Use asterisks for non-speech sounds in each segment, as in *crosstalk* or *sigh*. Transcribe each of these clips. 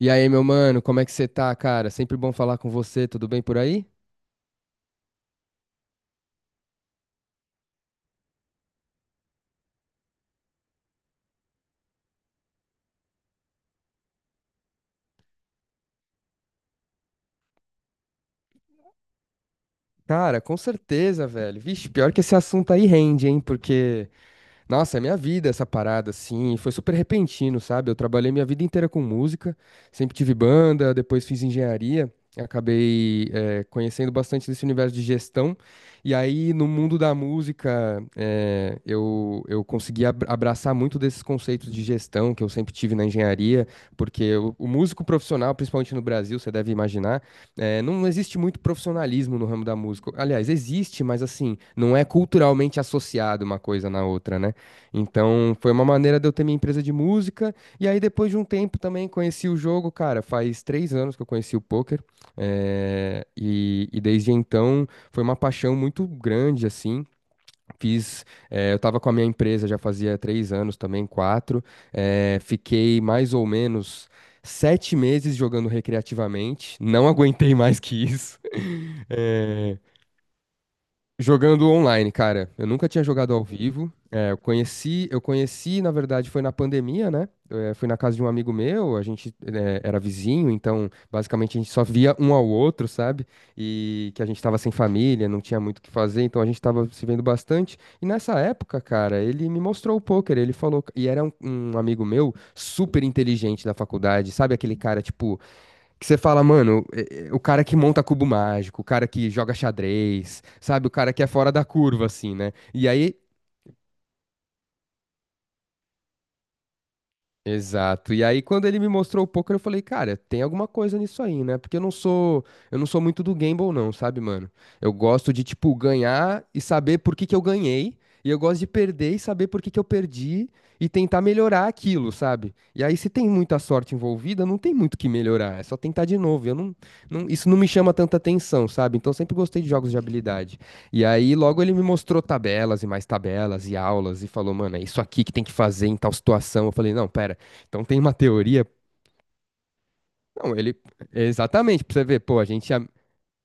E aí, meu mano, como é que você tá, cara? Sempre bom falar com você, tudo bem por aí? Cara, com certeza, velho. Vixe, pior que esse assunto aí rende, hein? Porque Nossa, é minha vida essa parada, assim, foi super repentino, sabe? Eu trabalhei minha vida inteira com música, sempre tive banda, depois fiz engenharia, acabei conhecendo bastante desse universo de gestão, e aí no mundo da música, eu consegui abraçar muito desses conceitos de gestão que eu sempre tive na engenharia, porque o músico profissional, principalmente no Brasil, você deve imaginar, não existe muito profissionalismo no ramo da música. Aliás, existe, mas assim, não é culturalmente associado uma coisa na outra, né? Então, foi uma maneira de eu ter minha empresa de música. E aí, depois de um tempo também, conheci o jogo, cara. Faz 3 anos que eu conheci o poker. E desde então, foi uma paixão muito grande, assim. Fiz, eu tava com a minha empresa já fazia 3 anos também, quatro. Fiquei mais ou menos 7 meses jogando recreativamente. Não *laughs* aguentei mais que isso. *laughs* Eh, Jogando online, cara. Eu nunca tinha jogado ao vivo. É, eu conheci, na verdade, foi na pandemia, né? Fui na casa de um amigo meu, a gente era vizinho, então basicamente a gente só via um ao outro, sabe? E que a gente tava sem família, não tinha muito o que fazer, então a gente tava se vendo bastante. E nessa época, cara, ele me mostrou o poker, ele falou, e era um amigo meu super inteligente da faculdade, sabe? Aquele cara, tipo, que você fala, mano, o cara que monta cubo mágico, o cara que joga xadrez, sabe? O cara que é fora da curva, assim, né? E aí Exato. E aí, quando ele me mostrou o poker, eu falei, cara, tem alguma coisa nisso aí, né? Porque eu não sou muito do gamble, não, sabe, mano? Eu gosto de, tipo, ganhar e saber por que que eu ganhei. E eu gosto de perder e saber por que que eu perdi e tentar melhorar aquilo, sabe? E aí, se tem muita sorte envolvida, não tem muito o que melhorar, é só tentar de novo. Eu não, não- Isso não me chama tanta atenção, sabe? Então, eu sempre gostei de jogos de habilidade. E aí, logo ele me mostrou tabelas e mais tabelas e aulas e falou, mano, é isso aqui que tem que fazer em tal situação. Eu falei, não, pera, então tem uma teoria. Não, ele. Exatamente, pra você ver, pô, a gente.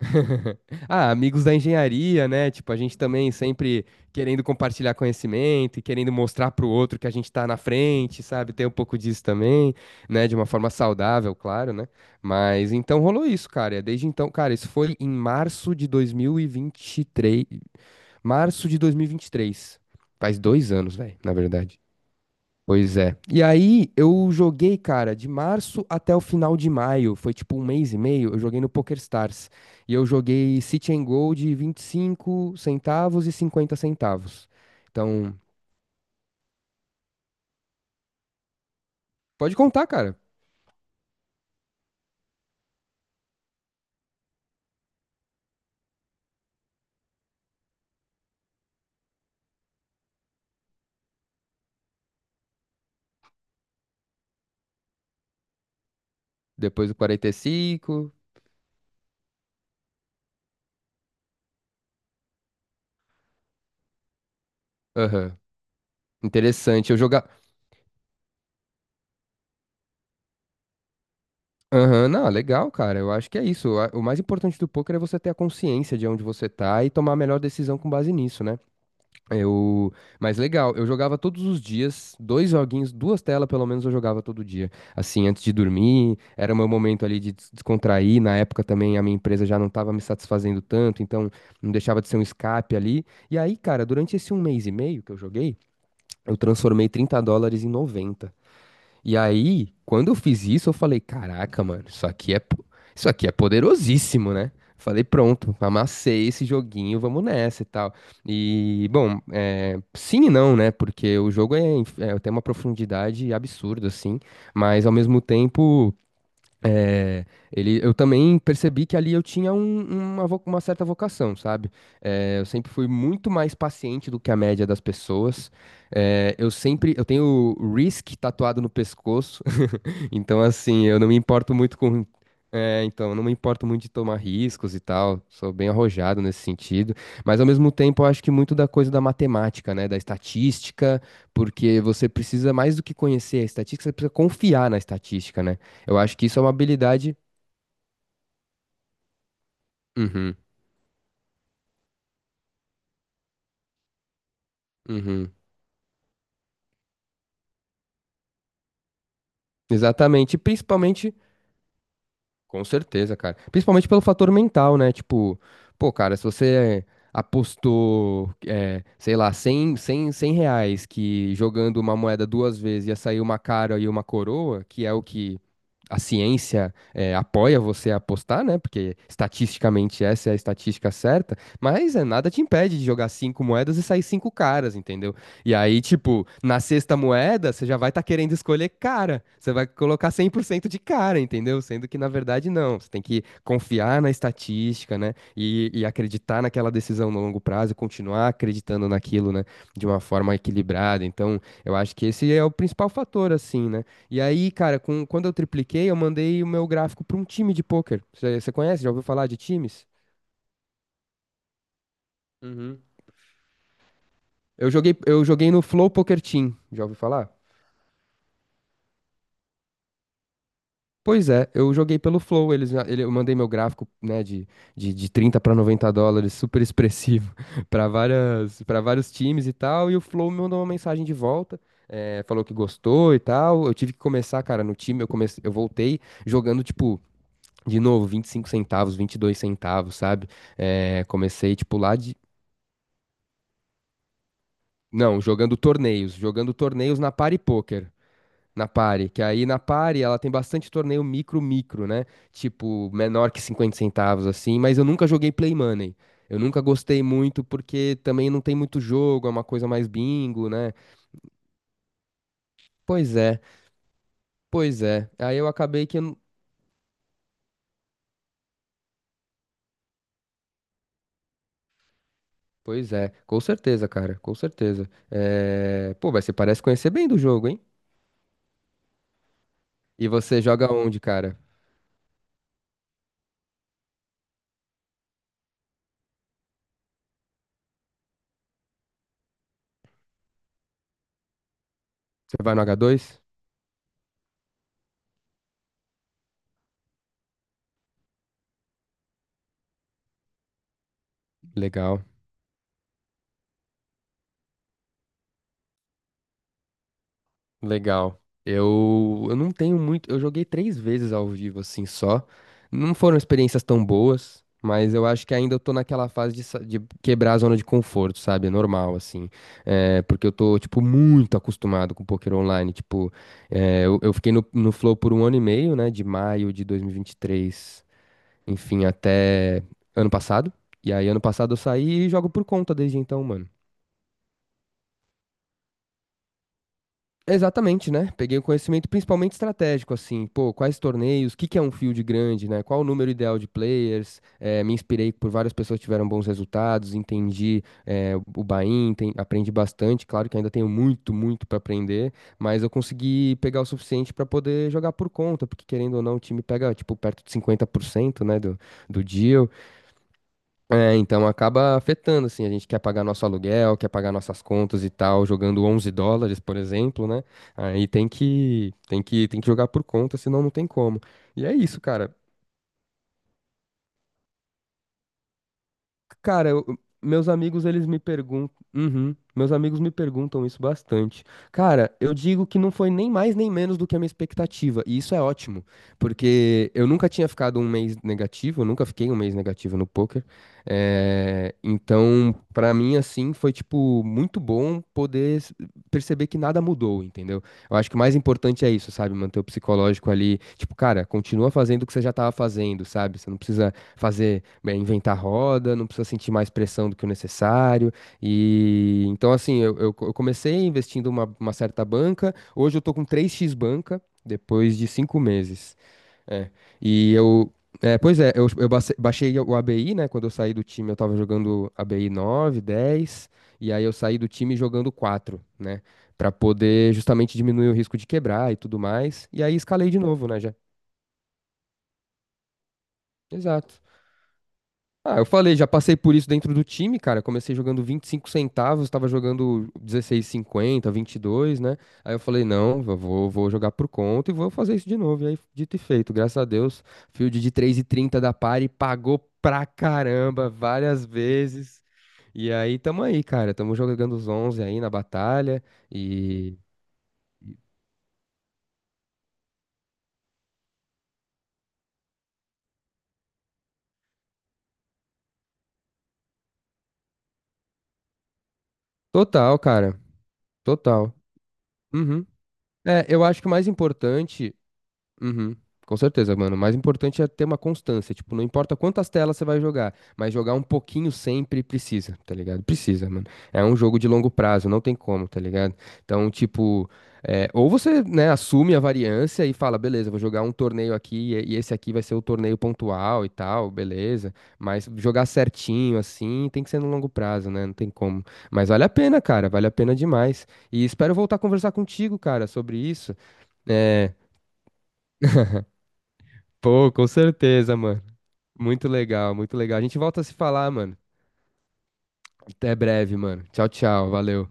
*laughs* Ah, amigos da engenharia, né? Tipo, a gente também sempre querendo compartilhar conhecimento e querendo mostrar pro outro que a gente tá na frente, sabe? Tem um pouco disso também, né? De uma forma saudável, claro, né? Mas então rolou isso, cara. Desde então, cara, isso foi em março de 2023. Março de 2023. Faz 2 anos, velho, na verdade. Pois é. E aí, eu joguei, cara, de março até o final de maio. Foi tipo 1 mês e meio. Eu joguei no PokerStars. E eu joguei City and Gold de 25 centavos e 50 centavos. Então, pode contar, cara. Depois do 45. Aham. Interessante. Eu jogar. Aham, não, legal, cara. Eu acho que é isso. O mais importante do poker é você ter a consciência de onde você tá e tomar a melhor decisão com base nisso, né? Eu, mas legal, eu jogava todos os dias, dois joguinhos, duas telas pelo menos eu jogava todo dia. Assim, antes de dormir, era o meu momento ali de descontrair. Na época também a minha empresa já não estava me satisfazendo tanto, então não deixava de ser um escape ali. E aí, cara, durante esse 1 mês e meio que eu joguei, eu transformei 30 dólares em 90. E aí, quando eu fiz isso, eu falei, caraca, mano, isso aqui é poderosíssimo, né? Falei, pronto, amassei esse joguinho, vamos nessa e tal. E, bom, é, sim e não, né? Porque o jogo tem uma profundidade absurda, assim, mas ao mesmo tempo, é, eu também percebi que ali eu tinha uma certa vocação, sabe? É, eu sempre fui muito mais paciente do que a média das pessoas. É, eu sempre, eu tenho o Risk tatuado no pescoço, então, assim, eu não me importo muito com. Então, eu não me importo muito de tomar riscos e tal. Sou bem arrojado nesse sentido. Mas, ao mesmo tempo, eu acho que muito da coisa da matemática, né? Da estatística, porque você precisa, mais do que conhecer a estatística, você precisa confiar na estatística, né? Eu acho que isso é uma habilidade. Uhum, uhum. Exatamente. E Principalmente Com certeza, cara. Principalmente pelo fator mental, né? Tipo, pô, cara, se você apostou, sei lá, cem reais que jogando uma moeda duas vezes ia sair uma cara e uma coroa, que é o que a ciência apoia você a apostar, né? Porque estatisticamente essa é a estatística certa, mas nada te impede de jogar cinco moedas e sair cinco caras, entendeu? E aí, tipo, na sexta moeda, você já vai estar querendo escolher cara. Você vai colocar 100% de cara, entendeu? Sendo que, na verdade, não. Você tem que confiar na estatística, né? E acreditar naquela decisão no longo prazo, continuar acreditando naquilo, né? De uma forma equilibrada. Então, eu acho que esse é o principal fator, assim, né? E aí, cara, quando eu tripliquei, eu mandei o meu gráfico para um time de pôquer. Você conhece? Já ouviu falar de times? Uhum. Eu joguei no Flow Poker Team. Já ouviu falar? Pois é, eu joguei pelo Flow, eu mandei meu gráfico, né, de 30 para 90 dólares, super expressivo, *laughs* para várias, para vários times e tal, e o Flow me mandou uma mensagem de volta, falou que gostou e tal, eu tive que começar, cara, no time, eu comecei, eu voltei jogando, tipo, de novo, 25 centavos, 22 centavos, sabe? Comecei, tipo, lá de... Não, jogando torneios na Party Poker. Na Pari, que aí na Pari ela tem bastante torneio micro-micro, né? Tipo, menor que 50 centavos, assim, mas eu nunca joguei Play Money. Eu nunca gostei muito porque também não tem muito jogo, é uma coisa mais bingo, né? Pois é, pois é. Aí eu acabei que. Eu não- Pois é, com certeza, cara, com certeza. Pô, mas você parece conhecer bem do jogo, hein? E você joga onde, cara? Você vai no H2? Legal. Legal. Eu não tenho muito. Eu joguei três vezes ao vivo, assim, só. Não foram experiências tão boas, mas eu acho que ainda eu tô naquela fase de, de quebrar a zona de conforto, sabe? É normal, assim. É, porque eu tô, tipo, muito acostumado com poker online. Tipo, eu fiquei no Flow por 1 ano e meio, né? De maio de dois mil e vinte e três. Enfim, até ano passado. E aí, ano passado eu saí e jogo por conta desde então, mano. Exatamente, né? Peguei o conhecimento principalmente estratégico, assim, pô, quais torneios, o que que é um field grande, né? Qual o número ideal de players? Me inspirei por várias pessoas que tiveram bons resultados, entendi, o buy-in, aprendi bastante. Claro que ainda tenho muito, muito para aprender, mas eu consegui pegar o suficiente para poder jogar por conta, porque querendo ou não, o time pega, tipo, perto de 50%, né, do, do deal. É, então acaba afetando, assim, a gente quer pagar nosso aluguel, quer pagar nossas contas e tal, jogando 11 dólares, por exemplo, né? Aí tem que jogar por conta, senão não tem como. E é isso, cara. Cara, meus amigos, eles me perguntam. Uhum, meus amigos me perguntam isso bastante. Cara, eu digo que não foi nem mais nem menos do que a minha expectativa. E isso é ótimo, porque eu nunca tinha ficado um mês negativo, eu nunca fiquei um mês negativo no poker. Então, pra mim, assim, foi, tipo, muito bom poder perceber que nada mudou, entendeu? Eu acho que o mais importante é isso, sabe? Manter o psicológico ali. Tipo, cara, continua fazendo o que você já tava fazendo, sabe? Você não precisa fazer, bem, inventar roda, não precisa sentir mais pressão do que o necessário. E então, assim, eu comecei investindo uma certa banca, hoje eu tô com 3x banca, depois de 5 meses. É. E eu. É, pois é, baixei o ABI, né? Quando eu saí do time, eu tava jogando ABI 9, 10 e aí eu saí do time jogando 4, né? Pra poder justamente diminuir o risco de quebrar e tudo mais. E aí escalei de novo, né? Já. Exato. Ah, eu falei, já passei por isso dentro do time, cara. Comecei jogando 25 centavos, tava jogando 16,50, 22, né? Aí eu falei, não, vou jogar por conta e vou fazer isso de novo. E aí, dito e feito, graças a Deus, field de 3,30 da Pari pagou pra caramba várias vezes. E aí, tamo aí, cara. Tamo jogando os 11 aí na batalha. E. Total, cara. Total. Uhum. É, eu acho que o mais importante. Uhum. Com certeza, mano. O mais importante é ter uma constância. Tipo, não importa quantas telas você vai jogar, mas jogar um pouquinho sempre precisa, tá ligado? Precisa, mano. É um jogo de longo prazo, não tem como, tá ligado? Então, tipo, é, ou você, né, assume a variância e fala, beleza, vou jogar um torneio aqui e esse aqui vai ser o torneio pontual e tal, beleza. Mas jogar certinho assim tem que ser no longo prazo, né? Não tem como. Mas vale a pena, cara, vale a pena demais. E espero voltar a conversar contigo, cara, sobre isso. É, pô, com certeza, mano. Muito legal, muito legal. A gente volta a se falar, mano. Até breve, mano. Tchau, tchau. Valeu.